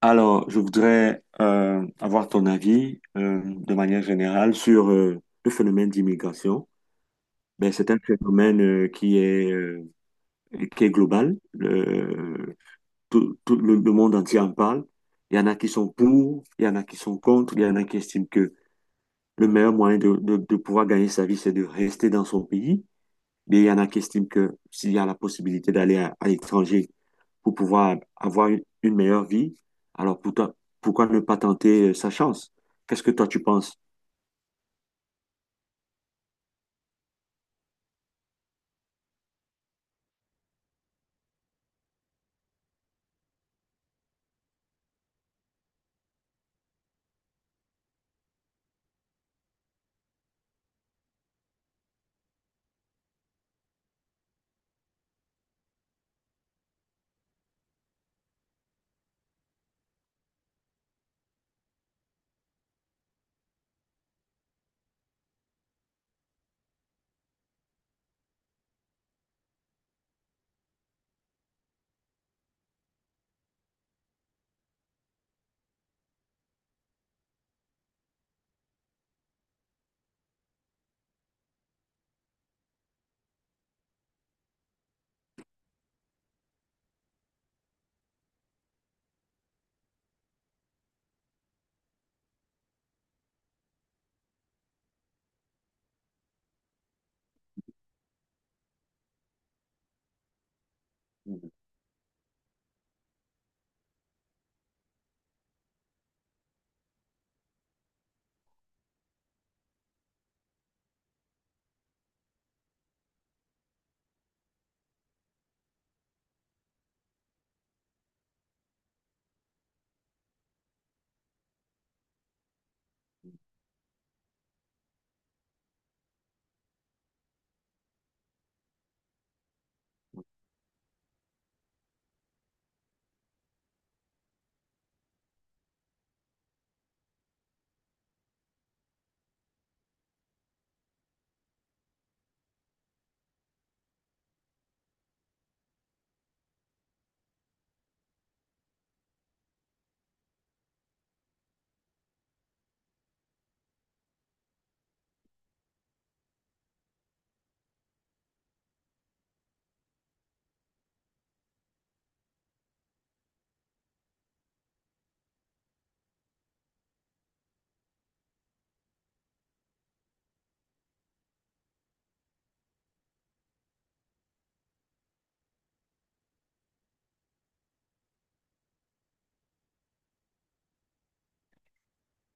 Alors, je voudrais avoir ton avis de manière générale sur le phénomène d'immigration. Ben, c'est un phénomène qui est global. Tout le monde entier en parle. Il y en a qui sont pour, il y en a qui sont contre, il y en a qui estiment que le meilleur moyen de pouvoir gagner sa vie, c'est de rester dans son pays. Mais il y en a qui estiment que s'il y a la possibilité à l'étranger, pour pouvoir avoir une meilleure vie. Alors pour toi, pourquoi ne pas tenter sa chance? Qu'est-ce que toi tu penses?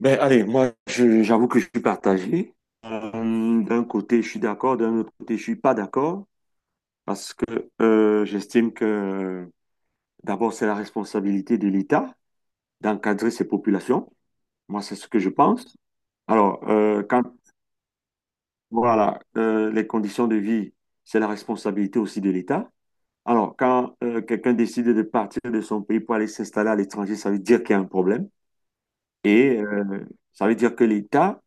Ben allez, j'avoue que je suis partagé. D'un côté je suis d'accord, d'un autre côté je suis pas d'accord parce que j'estime que d'abord c'est la responsabilité de l'État d'encadrer ses populations. Moi c'est ce que je pense. Alors quand voilà les conditions de vie, c'est la responsabilité aussi de l'État. Alors, quand quelqu'un décide de partir de son pays pour aller s'installer à l'étranger, ça veut dire qu'il y a un problème et ça veut dire que l'État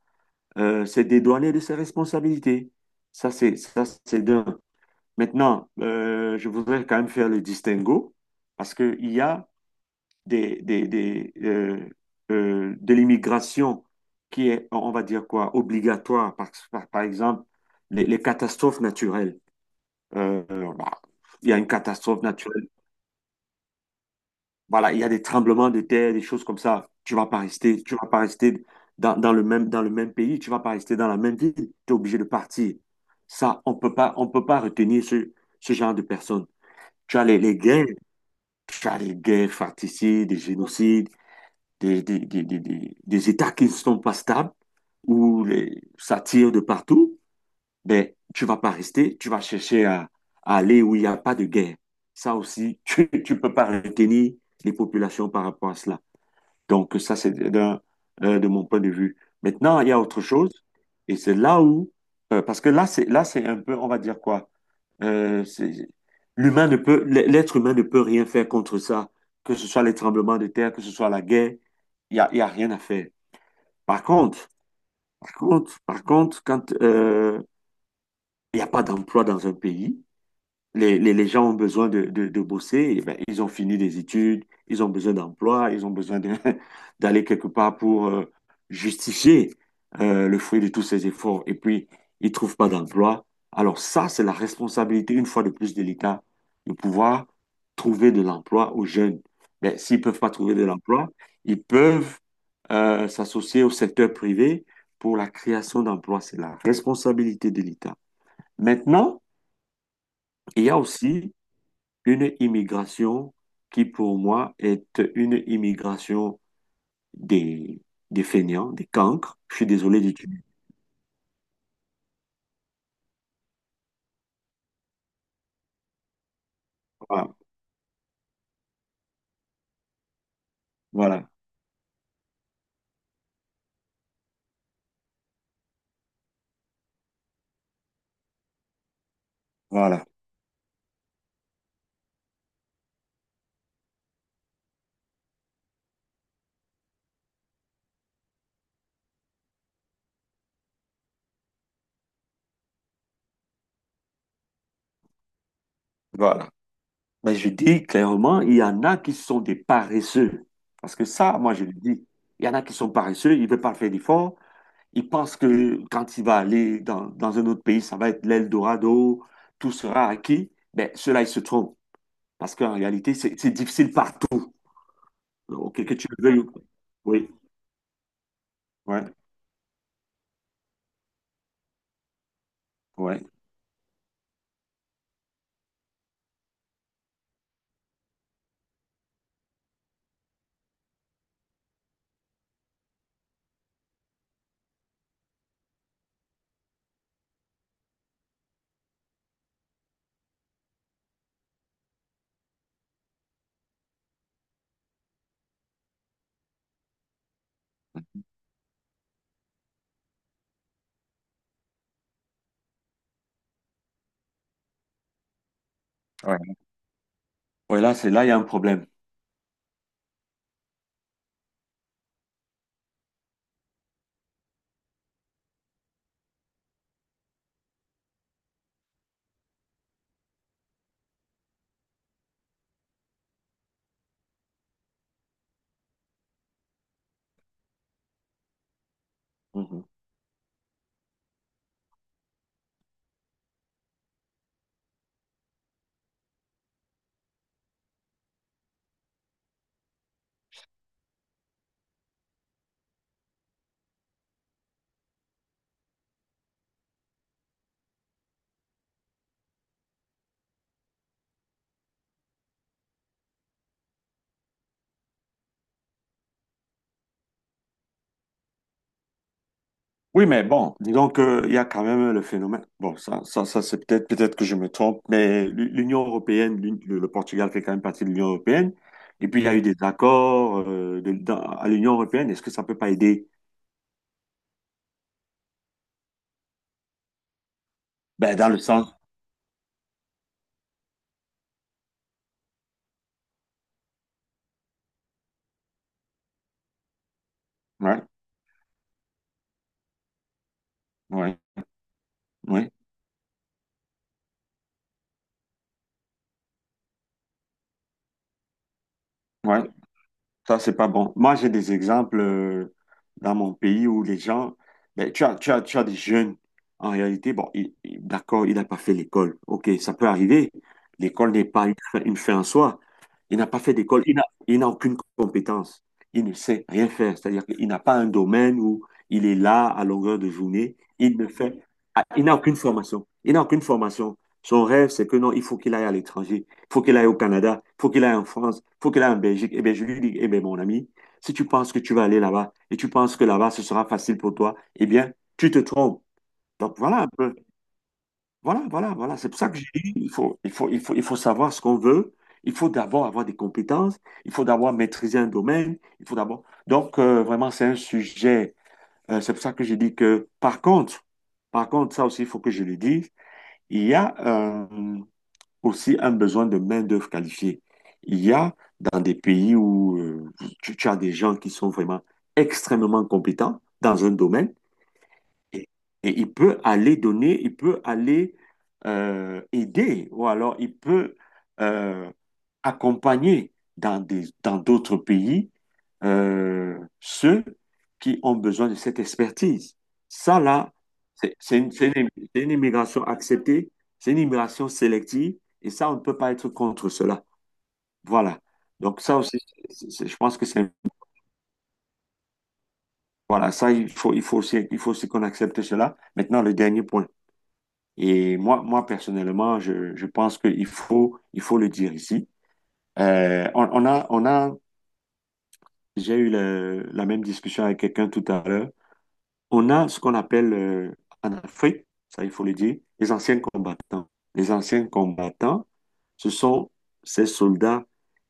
s'est dédouané de ses responsabilités. Ça, c'est d'un. Maintenant, je voudrais quand même faire le distinguo parce qu'il y a des, des, des, euh, de l'immigration qui est, on va dire quoi, obligatoire. Par exemple, les catastrophes naturelles. Euh, bah, il y a une catastrophe naturelle. Voilà, il y a des tremblements de terre, des choses comme ça. Tu vas pas rester dans le même pays, tu vas pas rester dans la même ville. Tu es obligé de partir. Ça, on peut pas retenir ce genre de personnes. Tu as les guerres, tu as les guerres fratricides, des génocides, des États qui ne sont pas stables, où ça tire de partout. Ben, tu vas pas rester, tu vas chercher à aller où il n'y a pas de guerre. Ça aussi, tu peux pas retenir les populations par rapport à cela. Donc, ça, c'est d'un, de mon point de vue. Maintenant, il y a autre chose, et c'est là où, parce que là, c'est un peu, on va dire quoi, euh, c'est- l'être humain ne peut rien faire contre ça, que ce soit les tremblements de terre, que ce soit la guerre, il y a rien à faire. Par contre, quand il n'y a pas d'emploi dans un pays, les gens ont besoin de bosser, eh ben, ils ont fini des études, ils ont besoin d'emploi, ils ont besoin de- d'aller quelque part pour justifier le fruit de tous ces efforts. Et puis, ils ne trouvent pas d'emploi. Alors ça, c'est la responsabilité, une fois de plus, de l'État, de pouvoir trouver de l'emploi aux jeunes. Mais s'ils ne peuvent pas trouver de l'emploi, ils peuvent s'associer au secteur privé pour la création d'emplois. C'est la responsabilité de l'État. Maintenant, il y a aussi une immigration qui, pour moi, est une immigration des, des fainéants, des cancres. Je suis désolé d'utiliser. Voilà, voilà, voilà. Voilà. Mais je dis clairement, il y en a qui sont des paresseux. Parce que ça, moi, je le dis. Il y en a qui sont paresseux, ils ne veulent pas faire d'efforts. Ils pensent que quand il va aller dans un autre pays, ça va être l'Eldorado, tout sera acquis. Mais ceux-là, ils se trompent. Parce qu'en réalité, c'est difficile partout. Ok, que tu le veuilles pas. Oui, ouais, ouais. Ouais. Ouais, là, il y a un problème. Mhm. Oui, mais bon, disons qu'il y a quand même le phénomène. Bon, ça c'est peut-être que je me trompe, mais l'Union européenne, le Portugal fait quand même partie de l'Union européenne. Et puis, il y a eu des accords à l'Union européenne. Est-ce que ça peut pas aider? Ben, dans le sens. Ouais, ouais, ouais, ouais. Ça, c'est pas bon. Moi, j'ai des exemples dans mon pays où les gens, ben, tu as des jeunes, en réalité, bon, d'accord, il n'a pas fait l'école. OK, ça peut arriver. L'école n'est pas une fin, une fin en soi. Il n'a pas fait d'école, il n'a aucune compétence. Il ne sait rien faire. C'est-à-dire qu'il n'a pas un domaine où il est là à longueur de journée. Il ne fait, ah, il n'a aucune formation. Il n'a aucune formation. Son rêve, c'est que non, il faut qu'il aille à l'étranger, faut qu'il aille au Canada, faut qu'il aille en France, faut qu'il aille en Belgique. Eh bien, je lui dis, eh bien, mon ami, si tu penses que tu vas aller là-bas et tu penses que là-bas, ce sera facile pour toi, eh bien, tu te trompes. Donc, voilà un peu. Voilà, voilà, voilà. C'est pour ça que je dis, il faut savoir ce qu'on veut. Il faut d'abord avoir des compétences. Il faut d'abord maîtriser un domaine. Il faut d'abord. Donc, vraiment, c'est un sujet. C'est pour ça que je dis que, par contre, ça aussi, il faut que je le dise. Il y a, euh, aussi un besoin de main-d'œuvre qualifiée. Il y a dans des pays où tu as des gens qui sont vraiment extrêmement compétents dans un domaine et, et il peut aller donner, il peut aller aider ou alors il peut euh, accompagner dans d'autres pays ceux qui ont besoin de cette expertise. Ça, là, c'est une immigration acceptée, c'est une immigration sélective, et ça, on ne peut pas être contre cela. Voilà. Donc ça aussi, je pense que c'est... Voilà, ça, il faut aussi qu'on accepte cela. Maintenant, le dernier point. Et moi, moi personnellement, je pense qu'il faut, il faut le dire ici. On a j'ai eu la même discussion avec quelqu'un tout à l'heure. On a ce qu'on appelle en Afrique, ça il faut le dire, les anciens combattants. Les anciens combattants, ce sont ces soldats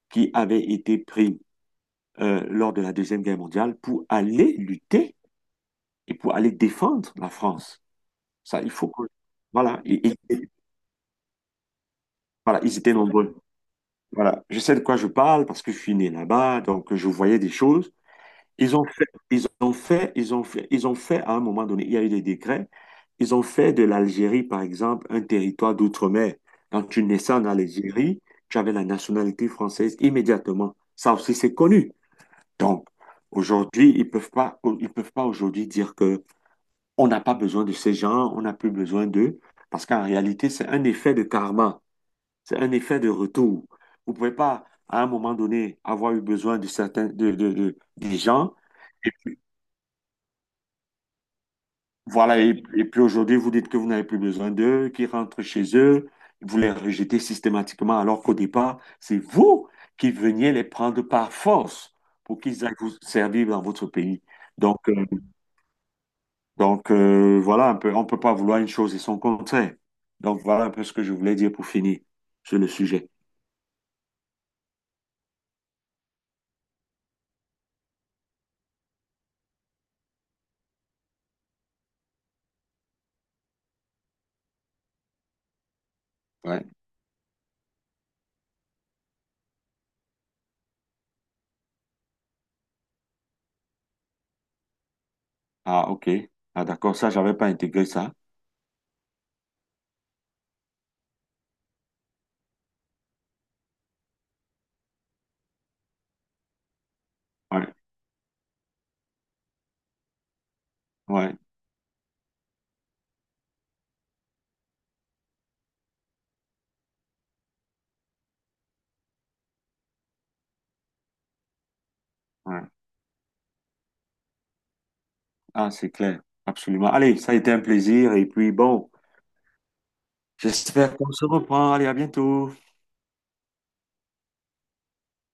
qui avaient été pris lors de la Deuxième Guerre mondiale pour aller lutter et pour aller défendre la France. Ça, il faut que... Voilà, voilà, ils étaient nombreux. Voilà, je sais de quoi je parle parce que je suis né là-bas, donc je voyais des choses. Ils ont fait, ils ont fait, ils ont fait, ils ont fait à un moment donné, il y a eu des décrets, ils ont fait de l'Algérie, par exemple, un territoire d'outre-mer. Quand tu naissais en Algérie, tu avais la nationalité française immédiatement. Ça aussi, c'est connu. Donc, aujourd'hui, ils peuvent pas aujourd'hui dire que on n'a pas besoin de ces gens, on n'a plus besoin d'eux, parce qu'en réalité, c'est un effet de karma, c'est un effet de retour. Vous pouvez pas, à un moment donné, avoir eu besoin de certains, des gens. Voilà, et puis aujourd'hui, vous dites que vous n'avez plus besoin d'eux, qu'ils rentrent chez eux, vous les rejetez systématiquement, alors qu'au départ, c'est vous qui veniez les prendre par force pour qu'ils aillent vous servir dans votre pays. Donc, euh, donc, voilà un peu, on ne peut pas vouloir une chose et son contraire. Donc, voilà un peu ce que je voulais dire pour finir sur le sujet. Ouais. Ah, ok. Ah, d'accord, ça, j'avais pas intégré ça. Ouais, ouais, ouais. Ah, c'est clair, absolument. Allez, ça a été un plaisir, et puis bon. J'espère qu'on se reprend. Allez, à bientôt.